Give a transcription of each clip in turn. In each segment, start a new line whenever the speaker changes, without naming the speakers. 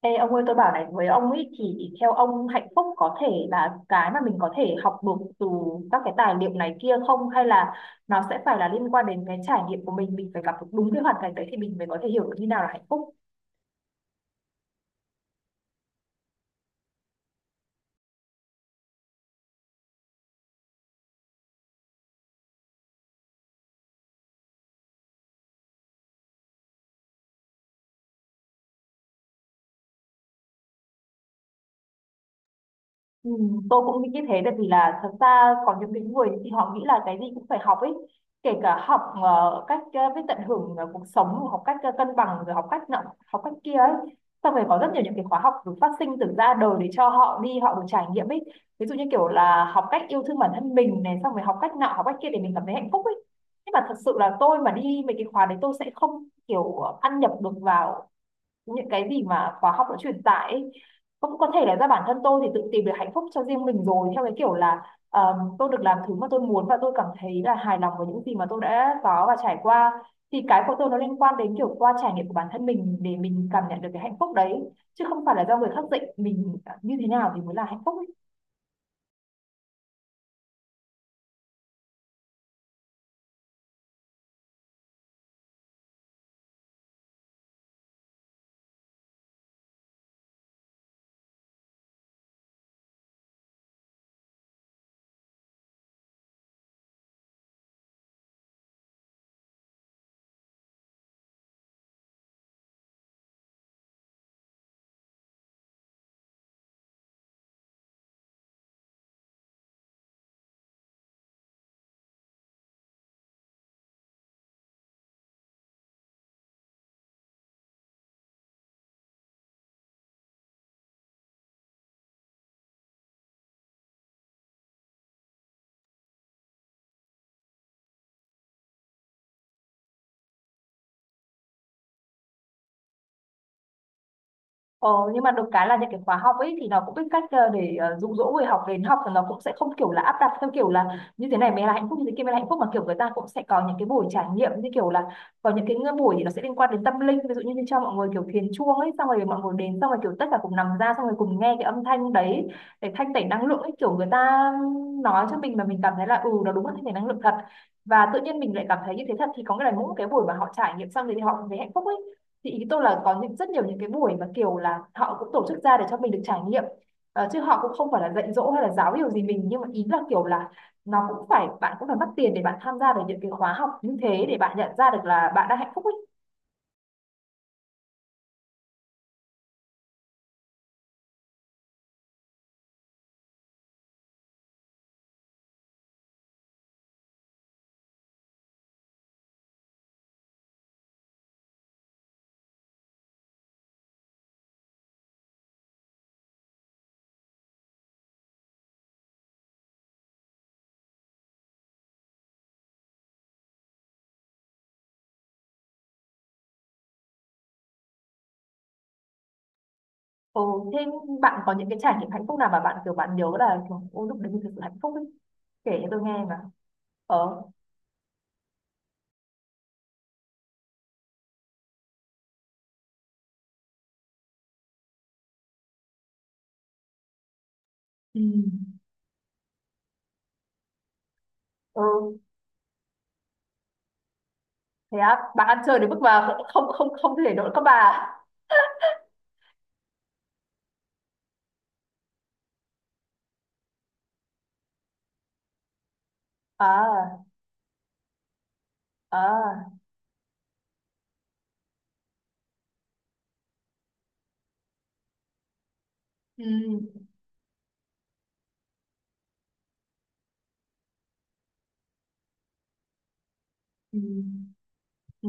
Ê, ông ơi tôi bảo này với ông ấy thì theo ông hạnh phúc có thể là cái mà mình có thể học được từ các cái tài liệu này kia không, hay là nó sẽ phải là liên quan đến cái trải nghiệm của mình phải gặp được đúng cái hoàn cảnh đấy thì mình mới có thể hiểu được như nào là hạnh phúc. Ừ, tôi cũng nghĩ như thế tại vì là thật ra có những cái người thì họ nghĩ là cái gì cũng phải học ấy, kể cả học cách biết tận hưởng cuộc sống, học cách cân bằng, rồi học cách nọ học cách kia ấy. Xong rồi có rất nhiều những cái khóa học được phát sinh từ ra đời để cho họ đi, họ được trải nghiệm ấy. Ví dụ như kiểu là học cách yêu thương bản thân mình này, xong rồi học cách nọ học cách kia để mình cảm thấy hạnh phúc ấy. Nhưng mà thật sự là tôi mà đi mấy cái khóa đấy tôi sẽ không kiểu ăn nhập được vào những cái gì mà khóa học đã truyền tải ấy, cũng có thể là do bản thân tôi thì tự tìm được hạnh phúc cho riêng mình rồi, theo cái kiểu là tôi được làm thứ mà tôi muốn và tôi cảm thấy là hài lòng với những gì mà tôi đã có và trải qua. Thì cái của tôi nó liên quan đến kiểu qua trải nghiệm của bản thân mình để mình cảm nhận được cái hạnh phúc đấy, chứ không phải là do người khác dạy mình như thế nào thì mới là hạnh phúc ấy. Ờ, nhưng mà được cái là những cái khóa học ấy thì nó cũng biết cách để dụ dỗ người học đến học, thì nó cũng sẽ không kiểu là áp đặt theo kiểu là như thế này mới là hạnh phúc, như thế kia mới là hạnh phúc, mà kiểu người ta cũng sẽ có những cái buổi trải nghiệm, như kiểu là có những cái buổi thì nó sẽ liên quan đến tâm linh, ví dụ như, như cho mọi người kiểu thiền chuông ấy, xong rồi mọi người đến xong rồi kiểu tất cả cùng nằm ra xong rồi cùng nghe cái âm thanh đấy để thanh tẩy năng lượng ấy, kiểu người ta nói cho mình mà mình cảm thấy là ừ nó đúng là thanh tẩy năng lượng thật, và tự nhiên mình lại cảm thấy như thế thật, thì có nghĩa là mỗi cái buổi mà họ trải nghiệm xong thì họ cũng thấy hạnh phúc ấy. Thì ý tôi là có những rất nhiều những cái buổi mà kiểu là họ cũng tổ chức ra để cho mình được trải nghiệm. Ờ, chứ họ cũng không phải là dạy dỗ hay là giáo điều gì mình, nhưng mà ý là kiểu là nó cũng phải, bạn cũng phải mất tiền để bạn tham gia được những cái khóa học như thế để bạn nhận ra được là bạn đang hạnh phúc ấy. Ừ, thế bạn có những cái trải nghiệm hạnh phúc nào mà bạn kiểu bạn nhớ là kiểu, ôi lúc đấy mình thực sự hạnh phúc ấy, kể cho tôi nghe mà. Ờ. Ừ. Ừ, thế á? Bạn ăn chơi đến mức mà không không không thể đỡ các bà? À. À. Ừ. Ừ. Ừ.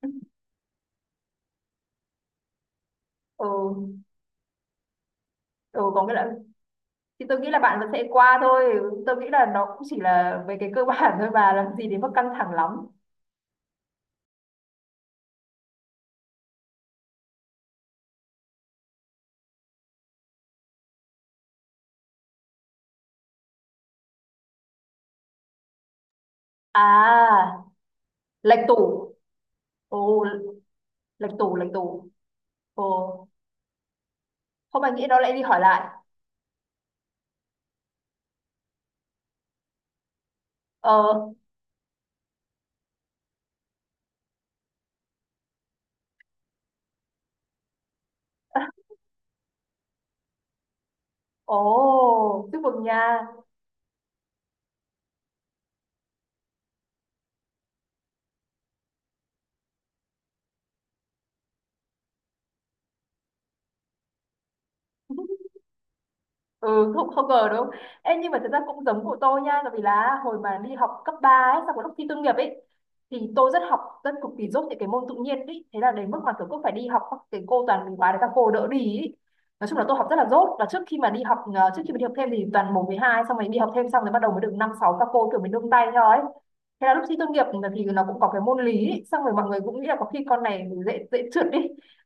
Ừ. Ừ. Ừ, có nghĩa là thì tôi nghĩ là bạn vẫn sẽ qua thôi, tôi nghĩ là nó cũng chỉ là về cái cơ bản thôi, bà làm gì đến mức căng thẳng lắm. À, lệch tủ. Ồ. Lệch tủ, lệch tủ. Ồ. Không ai nghĩ nó lại đi hỏi lại. Ờ. Ồ, chúc mừng nha. Ừ, không không ngờ đúng không. Em, nhưng mà thật ra cũng giống của tôi nha, tại vì là hồi mà đi học cấp 3 ấy, sau cái lúc thi tốt nghiệp ấy, thì tôi rất học rất cực kỳ dốt những cái môn tự nhiên ấy, thế là đến mức mà kiểu cứ phải đi học các cái cô toàn mình bài để các cô đỡ đi ấy. Nói chung là tôi học rất là dốt, và trước khi mà đi học trước khi mà đi học thêm thì toàn một với hai, xong rồi đi học thêm xong rồi bắt đầu mới được năm sáu, các cô kiểu mình nương tay theo ấy. Thế là lúc thi tốt nghiệp thì nó cũng có cái môn lý ấy. Xong rồi mọi người cũng nghĩ là có khi con này dễ dễ trượt đi,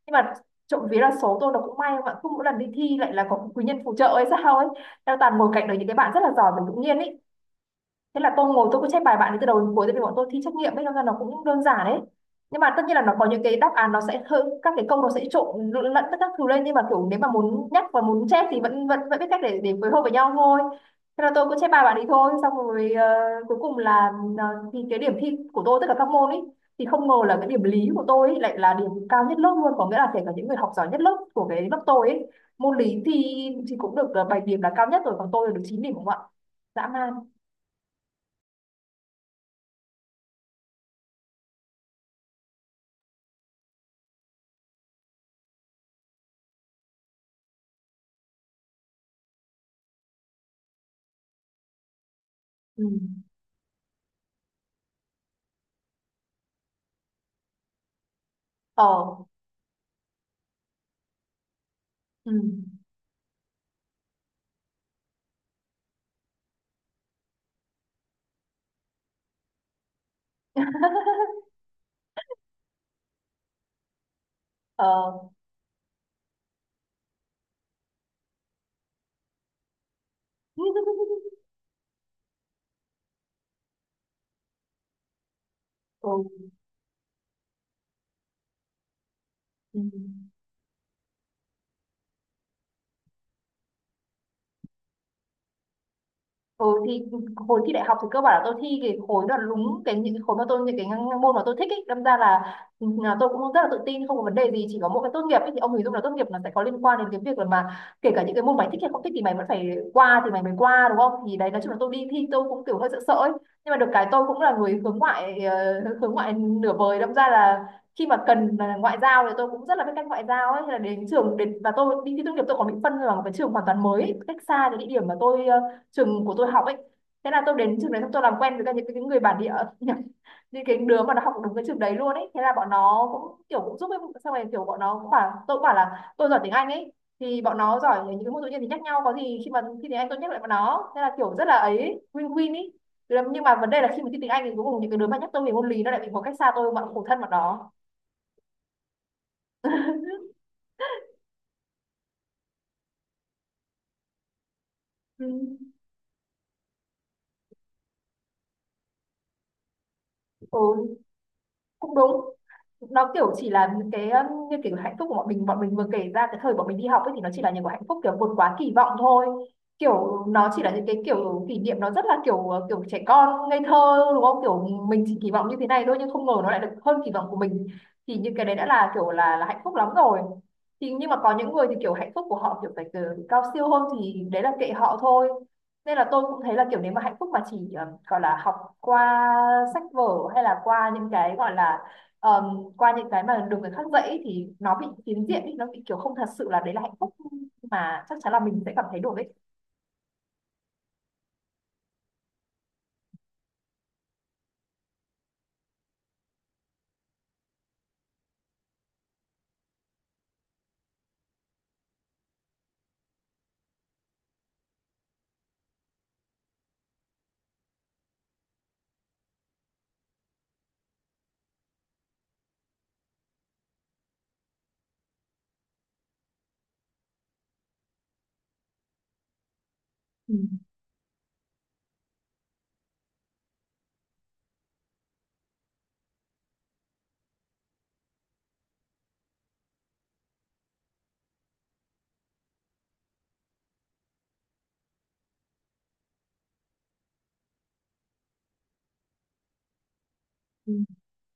nhưng mà trộm vía là số tôi nó cũng may mà cứ mỗi lần đi thi lại là có quý nhân phù trợ ấy sao ấy, đang toàn ngồi cạnh đấy những cái bạn rất là giỏi và tự nhiên ấy. Thế là tôi ngồi tôi cứ check bài bạn ấy từ đầu đến cuối, tại vì bọn tôi thi trắc nghiệm ấy, đâm ra nó cũng đơn giản đấy, nhưng mà tất nhiên là nó có những cái đáp án nó sẽ hơi, các cái câu nó sẽ trộn lẫn tất các thứ lên, nhưng mà kiểu nếu mà muốn nhắc và muốn chép thì vẫn vẫn vẫn biết cách để phối hợp với nhau thôi. Thế là tôi cứ chép bài bạn ấy thôi, xong rồi cuối cùng là ờ, thì cái điểm thi của tôi tất cả các môn ấy, thì không ngờ là cái điểm lý của tôi ấy, lại là điểm cao nhất lớp luôn, có nghĩa là kể cả những người học giỏi nhất lớp của cái lớp tôi ấy, môn lý thì cũng được 7 điểm là cao nhất rồi, còn tôi là được 9 điểm đúng không ạ. Dã man. Ừ. Ờ. Ừ. Ờ. Ừ. Ừ. Ừ thì hồi thi đại học thì cơ bản là tôi thi cái khối là đúng cái những cái khối mà tôi, những cái môn mà tôi thích ấy, đâm ra là, ừ, là tôi cũng rất là tự tin không có vấn đề gì, chỉ có mỗi cái tốt nghiệp ấy, thì ông hình dung là tốt nghiệp là sẽ có liên quan đến cái việc là mà kể cả những cái môn mày thích hay không thích thì mày vẫn phải qua thì mày mới qua đúng không, thì đấy nói chung là tôi đi thi tôi cũng kiểu hơi sợ sợ ấy. Nhưng mà được cái tôi cũng là người hướng ngoại, hướng ngoại nửa vời, đâm ra là khi mà cần mà ngoại giao thì tôi cũng rất là biết cách ngoại giao ấy. Thế là đến trường đến và tôi đi thi tốt nghiệp tôi còn bị phân vào một cái trường hoàn toàn mới ấy, cách xa cái địa điểm mà tôi trường của tôi học ấy. Thế là tôi đến trường đấy xong tôi làm quen với cả những cái người bản địa, những cái đứa mà nó học đúng cái trường đấy luôn ấy, thế là bọn nó cũng kiểu cũng giúp ấy, xong rồi kiểu bọn nó cũng bảo tôi, cũng bảo là tôi giỏi tiếng Anh ấy, thì bọn nó giỏi những cái môn tự nhiên thì nhắc nhau, có gì khi mà thi tiếng Anh tôi nhắc lại bọn nó, thế là kiểu rất là ấy, win win ấy. Nhưng mà vấn đề là khi mà thi tiếng Anh thì cuối cùng những cái đứa mà nhắc tôi về môn lý nó lại bị một cách xa tôi, mà khổ thân bọn đó. Ừ. Ừ, cũng đúng. Nó kiểu chỉ là những cái như kiểu hạnh phúc của bọn mình, bọn mình vừa kể ra cái thời bọn mình đi học ấy, thì nó chỉ là những cái hạnh phúc kiểu vượt quá kỳ vọng thôi, kiểu nó chỉ là những cái kiểu kỷ niệm nó rất là kiểu kiểu trẻ con ngây thơ đúng không, kiểu mình chỉ kỳ vọng như thế này thôi nhưng không ngờ nó lại được hơn kỳ vọng của mình, thì những cái đấy đã là kiểu là hạnh phúc lắm rồi. Thì nhưng mà có những người thì kiểu hạnh phúc của họ kiểu phải từ cao siêu hơn thì đấy là kệ họ thôi. Nên là tôi cũng thấy là kiểu nếu mà hạnh phúc mà chỉ gọi là học qua sách vở, hay là qua những cái gọi là um, qua những cái mà được người khác dạy, thì nó bị phiến diện ấy, nó bị kiểu không thật sự là đấy là hạnh phúc mà chắc chắn là mình sẽ cảm thấy được ấy. Ừ. Ừ,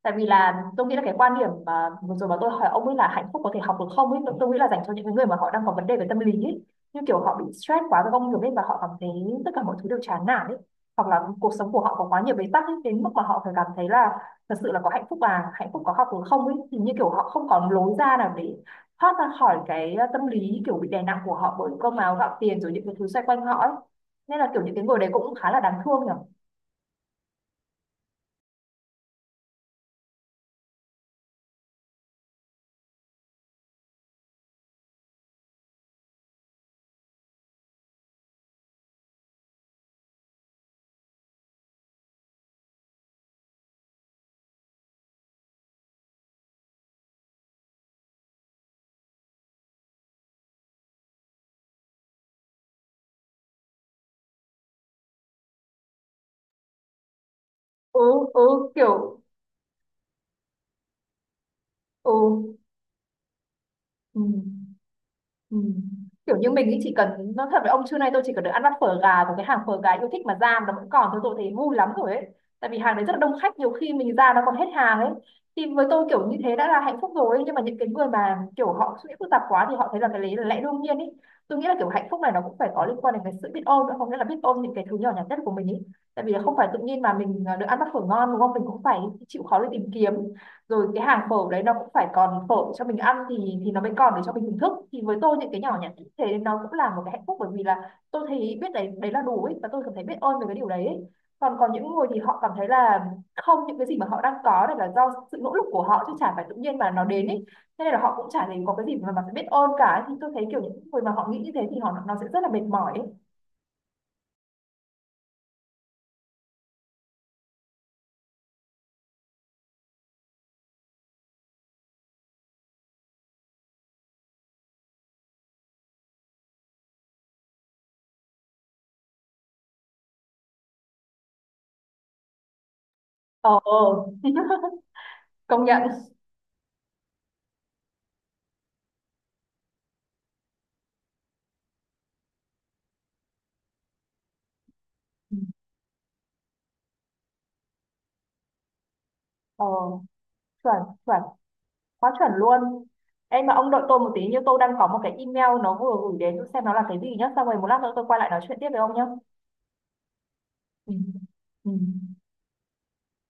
tại vì là tôi nghĩ là cái quan điểm mà vừa rồi mà tôi hỏi ông ấy là hạnh phúc có thể học được không ấy, tôi nghĩ là dành cho những cái người mà họ đang có vấn đề về tâm lý ấy, như kiểu họ bị stress quá với công việc ấy và họ cảm thấy tất cả mọi thứ đều chán nản ấy, hoặc là cuộc sống của họ có quá nhiều bế tắc ấy đến mức mà họ phải cảm thấy là thật sự là có hạnh phúc à, hạnh phúc có học được không ấy, thì như kiểu họ không còn lối ra nào để thoát ra khỏi cái tâm lý kiểu bị đè nặng của họ bởi cơm áo gạo tiền rồi những cái thứ xoay quanh họ ấy. Nên là kiểu những cái người đấy cũng khá là đáng thương nhỉ. Ừ. Ừ kiểu. Ừ. Ừ. Ừ. Kiểu như mình ý chỉ cần, nó thật với ông, trưa nay tôi chỉ cần được ăn bát phở gà của cái hàng phở gà yêu thích mà ra mà nó vẫn còn thôi, tôi thấy vui lắm rồi ấy, tại vì hàng đấy rất là đông khách, nhiều khi mình ra nó còn hết hàng ấy, thì với tôi kiểu như thế đã là hạnh phúc rồi ấy. Nhưng mà những cái người mà kiểu họ suy nghĩ phức tạp quá thì họ thấy là cái đấy là lẽ đương nhiên ấy. Tôi nghĩ là kiểu hạnh phúc này nó cũng phải có liên quan đến cái sự biết ơn nữa, không nghĩa là biết ơn những cái thứ nhỏ nhặt nhất của mình ấy, tại vì là không phải tự nhiên mà mình được ăn bát phở ngon đúng không, mình cũng phải chịu khó để tìm kiếm, rồi cái hàng phở đấy nó cũng phải còn phở cho mình ăn thì nó mới còn để cho mình thưởng thức, thì với tôi những cái nhỏ nhặt như thế nó cũng là một cái hạnh phúc, bởi vì là tôi thấy biết đấy đấy là đủ ấy và tôi cảm thấy biết ơn về cái điều đấy ấy. Còn còn những người thì họ cảm thấy là không, những cái gì mà họ đang có này là do sự nỗ lực của họ chứ chả phải tự nhiên mà nó đến ấy, thế nên là họ cũng chả thấy có cái gì mà phải biết ơn cả, thì tôi thấy kiểu những người mà họ nghĩ như thế thì họ nó sẽ rất là mệt mỏi ấy. Ờ. Công nhận. Ừ. Ờ, chuẩn. Chuẩn. Quá chuẩn luôn. Em mà ông đợi tôi một tí, như tôi đang có một cái email nó vừa gửi đến xem nó là cái gì nhá, xong rồi một lát nữa tôi quay lại nói chuyện tiếp với ông nhá. Ừ. Ừ.